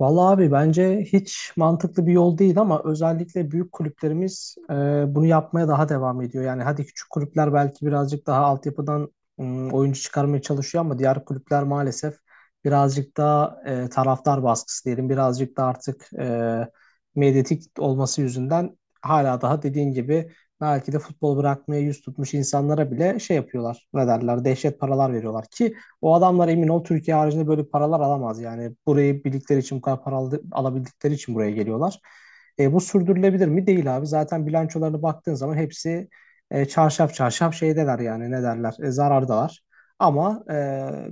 Vallahi abi bence hiç mantıklı bir yol değil ama özellikle büyük kulüplerimiz bunu yapmaya daha devam ediyor. Yani hadi küçük kulüpler belki birazcık daha altyapıdan oyuncu çıkarmaya çalışıyor ama diğer kulüpler maalesef birazcık daha taraftar baskısı diyelim birazcık da artık medyatik olması yüzünden hala daha dediğin gibi belki de futbol bırakmaya yüz tutmuş insanlara bile şey yapıyorlar ne derler dehşet paralar veriyorlar ki o adamlar emin ol Türkiye haricinde böyle paralar alamaz. Yani burayı bildikleri için bu kadar para alabildikleri için buraya geliyorlar. Bu sürdürülebilir mi? Değil abi. Zaten bilançolarına baktığın zaman hepsi çarşaf çarşaf şeydeler yani ne derler zarardalar. Ama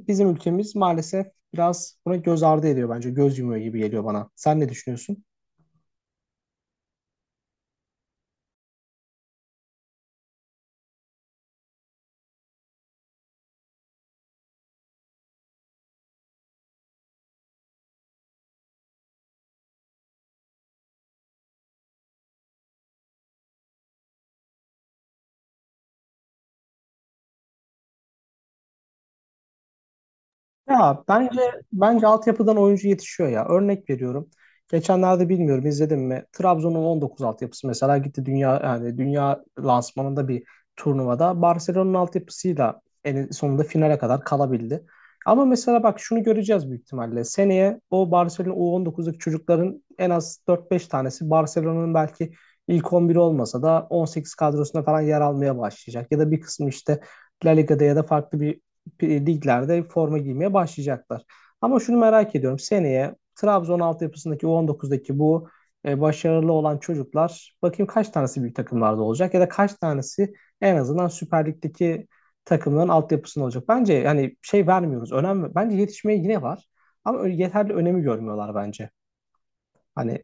bizim ülkemiz maalesef biraz buna göz ardı ediyor bence. Göz yumuyor gibi geliyor bana. Sen ne düşünüyorsun? Ya bence altyapıdan oyuncu yetişiyor ya. Örnek veriyorum. Geçenlerde bilmiyorum izledim mi? Trabzon'un 19 altyapısı mesela gitti dünya yani dünya lansmanında bir turnuvada Barcelona'nın altyapısıyla en sonunda finale kadar kalabildi. Ama mesela bak şunu göreceğiz büyük ihtimalle. Seneye o Barcelona U19'daki çocukların en az dört beş tanesi Barcelona'nın belki ilk on biri olmasa da 18 kadrosuna falan yer almaya başlayacak. Ya da bir kısmı işte La Liga'da ya da farklı bir liglerde forma giymeye başlayacaklar. Ama şunu merak ediyorum. Seneye Trabzon altyapısındaki U19'daki bu başarılı olan çocuklar bakayım kaç tanesi büyük takımlarda olacak ya da kaç tanesi en azından Süper Lig'deki takımların altyapısında olacak. Bence hani şey vermiyoruz. Önem bence yetişmeye yine var. Ama yeterli önemi görmüyorlar bence. Hani.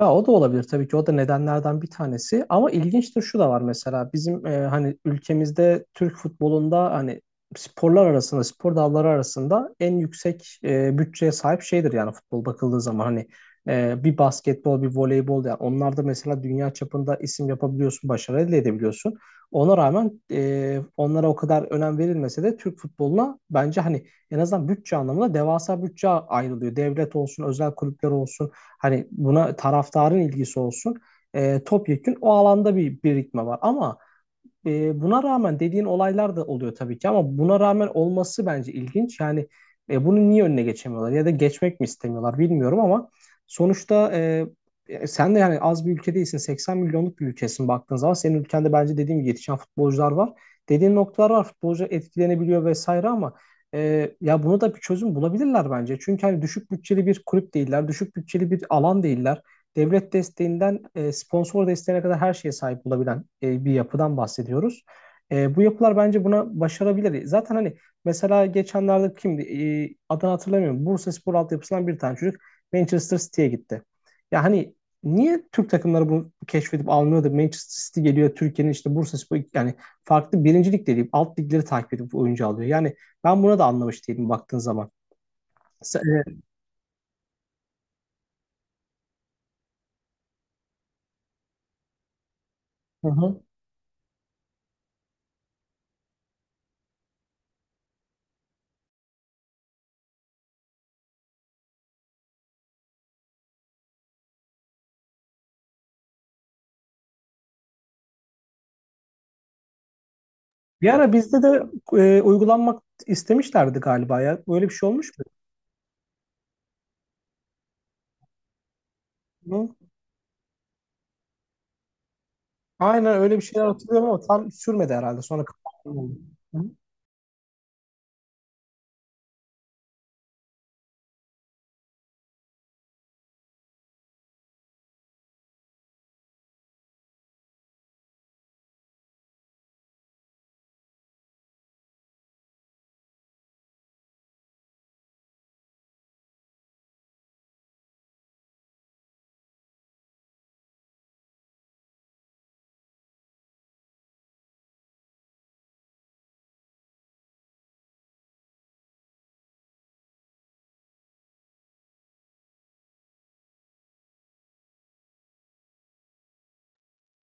Ya o da olabilir tabii ki o da nedenlerden bir tanesi ama ilginçtir şu da var mesela bizim hani ülkemizde Türk futbolunda hani sporlar arasında spor dalları arasında en yüksek bütçeye sahip şeydir yani futbol bakıldığı zaman hani bir basketbol bir voleybol yani onlar da mesela dünya çapında isim yapabiliyorsun başarı elde edebiliyorsun ona rağmen onlara o kadar önem verilmese de Türk futboluna bence hani en azından bütçe anlamında devasa bütçe ayrılıyor. Devlet olsun, özel kulüpler olsun, hani buna taraftarın ilgisi olsun. Topyekün o alanda bir birikme var ama buna rağmen dediğin olaylar da oluyor tabii ki ama buna rağmen olması bence ilginç. Yani bunu niye önüne geçemiyorlar ya da geçmek mi istemiyorlar bilmiyorum ama sonuçta sen de yani az bir ülke değilsin. 80 milyonluk bir ülkesin baktığın zaman. Senin ülkende bence dediğim gibi yetişen futbolcular var. Dediğin noktalar var. Futbolcu etkilenebiliyor vesaire ama ya buna da bir çözüm bulabilirler bence. Çünkü hani düşük bütçeli bir kulüp değiller. Düşük bütçeli bir alan değiller devlet desteğinden sponsor desteğine kadar her şeye sahip olabilen bir yapıdan bahsediyoruz. Bu yapılar bence buna başarabilir. Zaten hani mesela geçenlerde kimdi? Adını hatırlamıyorum. Bursaspor altyapısından bir tane çocuk Manchester City'ye gitti. Ya hani niye Türk takımları bunu keşfedip almıyor da Manchester City geliyor Türkiye'nin işte Bursaspor yani farklı birincilik değil alt ligleri takip edip oyuncu alıyor. Yani ben buna da anlamış değilim baktığın zaman. Evet. Hı hı. Bir ara bizde de uygulanmak istemişlerdi galiba ya. Öyle bir şey olmuş mu? Aynen öyle bir şeyler hatırlıyorum ama tam sürmedi herhalde. Sonra kapandı. Hı?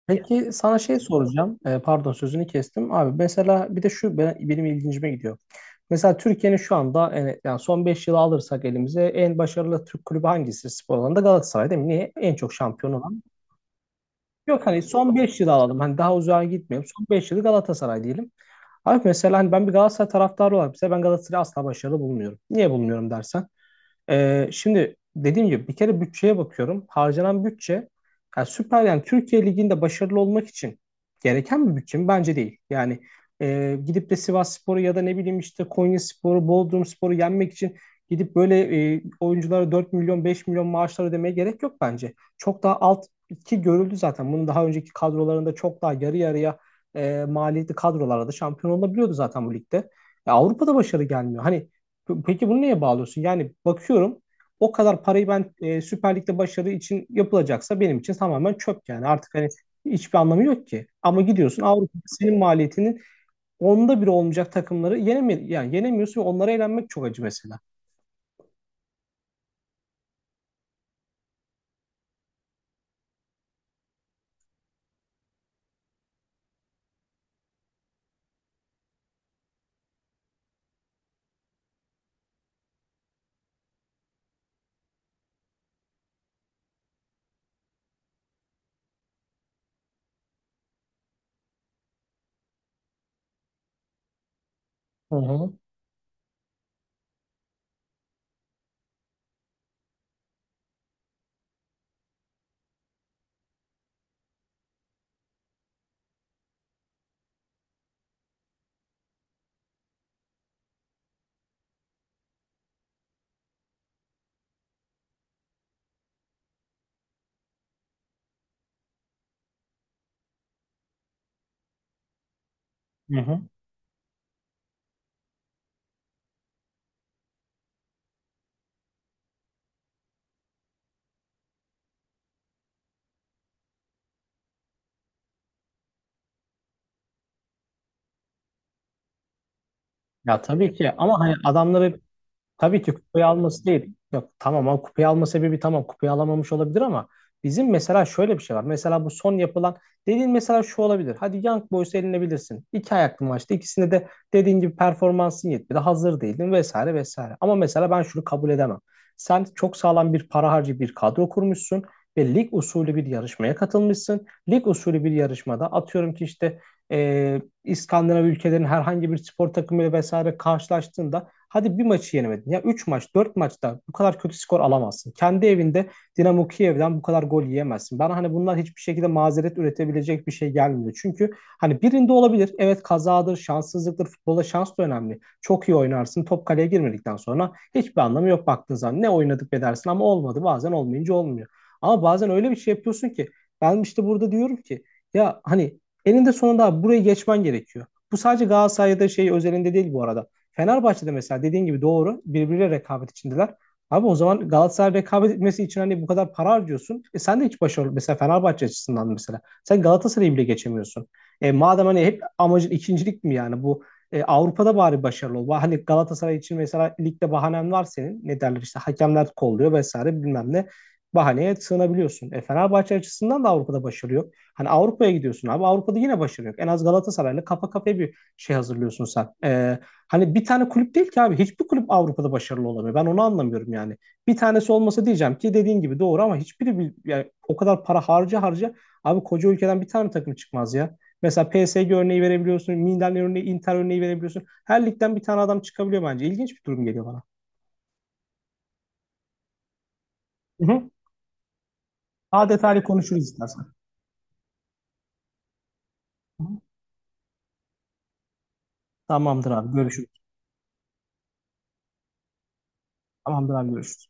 Peki sana şey soracağım. Pardon sözünü kestim. Abi mesela bir de şu benim ilgincime gidiyor. Mesela Türkiye'nin şu anda yani son 5 yılı alırsak elimize en başarılı Türk kulübü hangisi spor alanında? Galatasaray değil mi? Niye? En çok şampiyon olan. Yok hani son 5 yılı alalım. Hani daha uzağa gitmeyelim. Son 5 yılı Galatasaray diyelim. Abi mesela hani ben bir Galatasaray taraftarı olarak mesela ben Galatasaray'ı asla başarılı bulmuyorum. Niye bulmuyorum dersen. Şimdi dediğim gibi bir kere bütçeye bakıyorum. Harcanan bütçe yani süper yani Türkiye Ligi'nde başarılı olmak için gereken bir bütçe mi? Bence değil. Yani gidip de Sivasspor'u ya da ne bileyim işte Konyaspor'u, Bodrumspor'u yenmek için gidip böyle oyunculara 4 milyon 5 milyon maaşlar ödemeye gerek yok bence. Çok daha alt ki görüldü zaten. Bunun daha önceki kadrolarında çok daha yarı yarıya maliyetli kadrolarda şampiyon olabiliyordu zaten bu ligde. Ya Avrupa'da başarı gelmiyor. Hani. Peki bunu neye bağlıyorsun? Yani bakıyorum o kadar parayı ben Süper Lig'de başarı için yapılacaksa benim için tamamen çöp yani. Artık hani hiçbir anlamı yok ki. Ama gidiyorsun Avrupa'da senin maliyetinin onda biri olmayacak takımları yenemiyorsun ve onlara eğlenmek çok acı mesela. Hı hı. Hı hı. Ya tabii ki ama hani adamlar hep tabii ki kupayı alması değil. Yok tamam ama kupayı alma sebebi tamam kupayı alamamış olabilir ama bizim mesela şöyle bir şey var. Mesela bu son yapılan dediğin mesela şu olabilir. Hadi Young Boys'u elinebilirsin. İki ayaklı maçta ikisinde de dediğin gibi performansın yetmedi. Hazır değildin vesaire vesaire. Ama mesela ben şunu kabul edemem. Sen çok sağlam bir para harcı bir kadro kurmuşsun ve lig usulü bir yarışmaya katılmışsın. Lig usulü bir yarışmada atıyorum ki işte İskandinav ülkelerin herhangi bir spor takımıyla vesaire karşılaştığında hadi bir maçı yenemedin. Ya 3 maç, 4 maçta bu kadar kötü skor alamazsın. Kendi evinde Dinamo Kiev'den bu kadar gol yiyemezsin. Bana hani bunlar hiçbir şekilde mazeret üretebilecek bir şey gelmiyor. Çünkü hani birinde olabilir. Evet, kazadır, şanssızlıktır. Futbolda şans da önemli. Çok iyi oynarsın. Top kaleye girmedikten sonra hiçbir anlamı yok baktığın zaman. Ne oynadık be dersin ama olmadı. Bazen olmayınca olmuyor. Ama bazen öyle bir şey yapıyorsun ki ben işte burada diyorum ki ya hani eninde sonunda abi burayı geçmen gerekiyor. Bu sadece Galatasaray'da şey özelinde değil bu arada. Fenerbahçe'de mesela dediğin gibi doğru birbiriyle rekabet içindeler. Abi o zaman Galatasaray rekabet etmesi için hani bu kadar para harcıyorsun. E sen de hiç başarılı mesela Fenerbahçe açısından mesela. Sen Galatasaray'ı bile geçemiyorsun. E madem hani hep amacın ikincilik mi yani bu Avrupa'da bari başarılı ol. Hani Galatasaray için mesela ligde bahanen var senin. Ne derler işte hakemler kolluyor vesaire bilmem ne. Bahaneye sığınabiliyorsun. E Fenerbahçe açısından da Avrupa'da başarı yok. Hani Avrupa'ya gidiyorsun abi. Avrupa'da yine başarı yok. En az Galatasaray'la kafa kafaya bir şey hazırlıyorsun sen. Hani bir tane kulüp değil ki abi. Hiçbir kulüp Avrupa'da başarılı olamıyor. Ben onu anlamıyorum yani. Bir tanesi olmasa diyeceğim ki dediğin gibi doğru ama hiçbiri bir, yani o kadar para harca harca abi koca ülkeden bir tane takım çıkmaz ya. Mesela PSG örneği verebiliyorsun, Milan örneği, Inter örneği verebiliyorsun. Her ligden bir tane adam çıkabiliyor bence. İlginç bir durum geliyor bana. Hı hı. Daha detaylı konuşuruz istersen. Hı hı. Tamamdır abi görüşürüz. Tamamdır abi görüşürüz.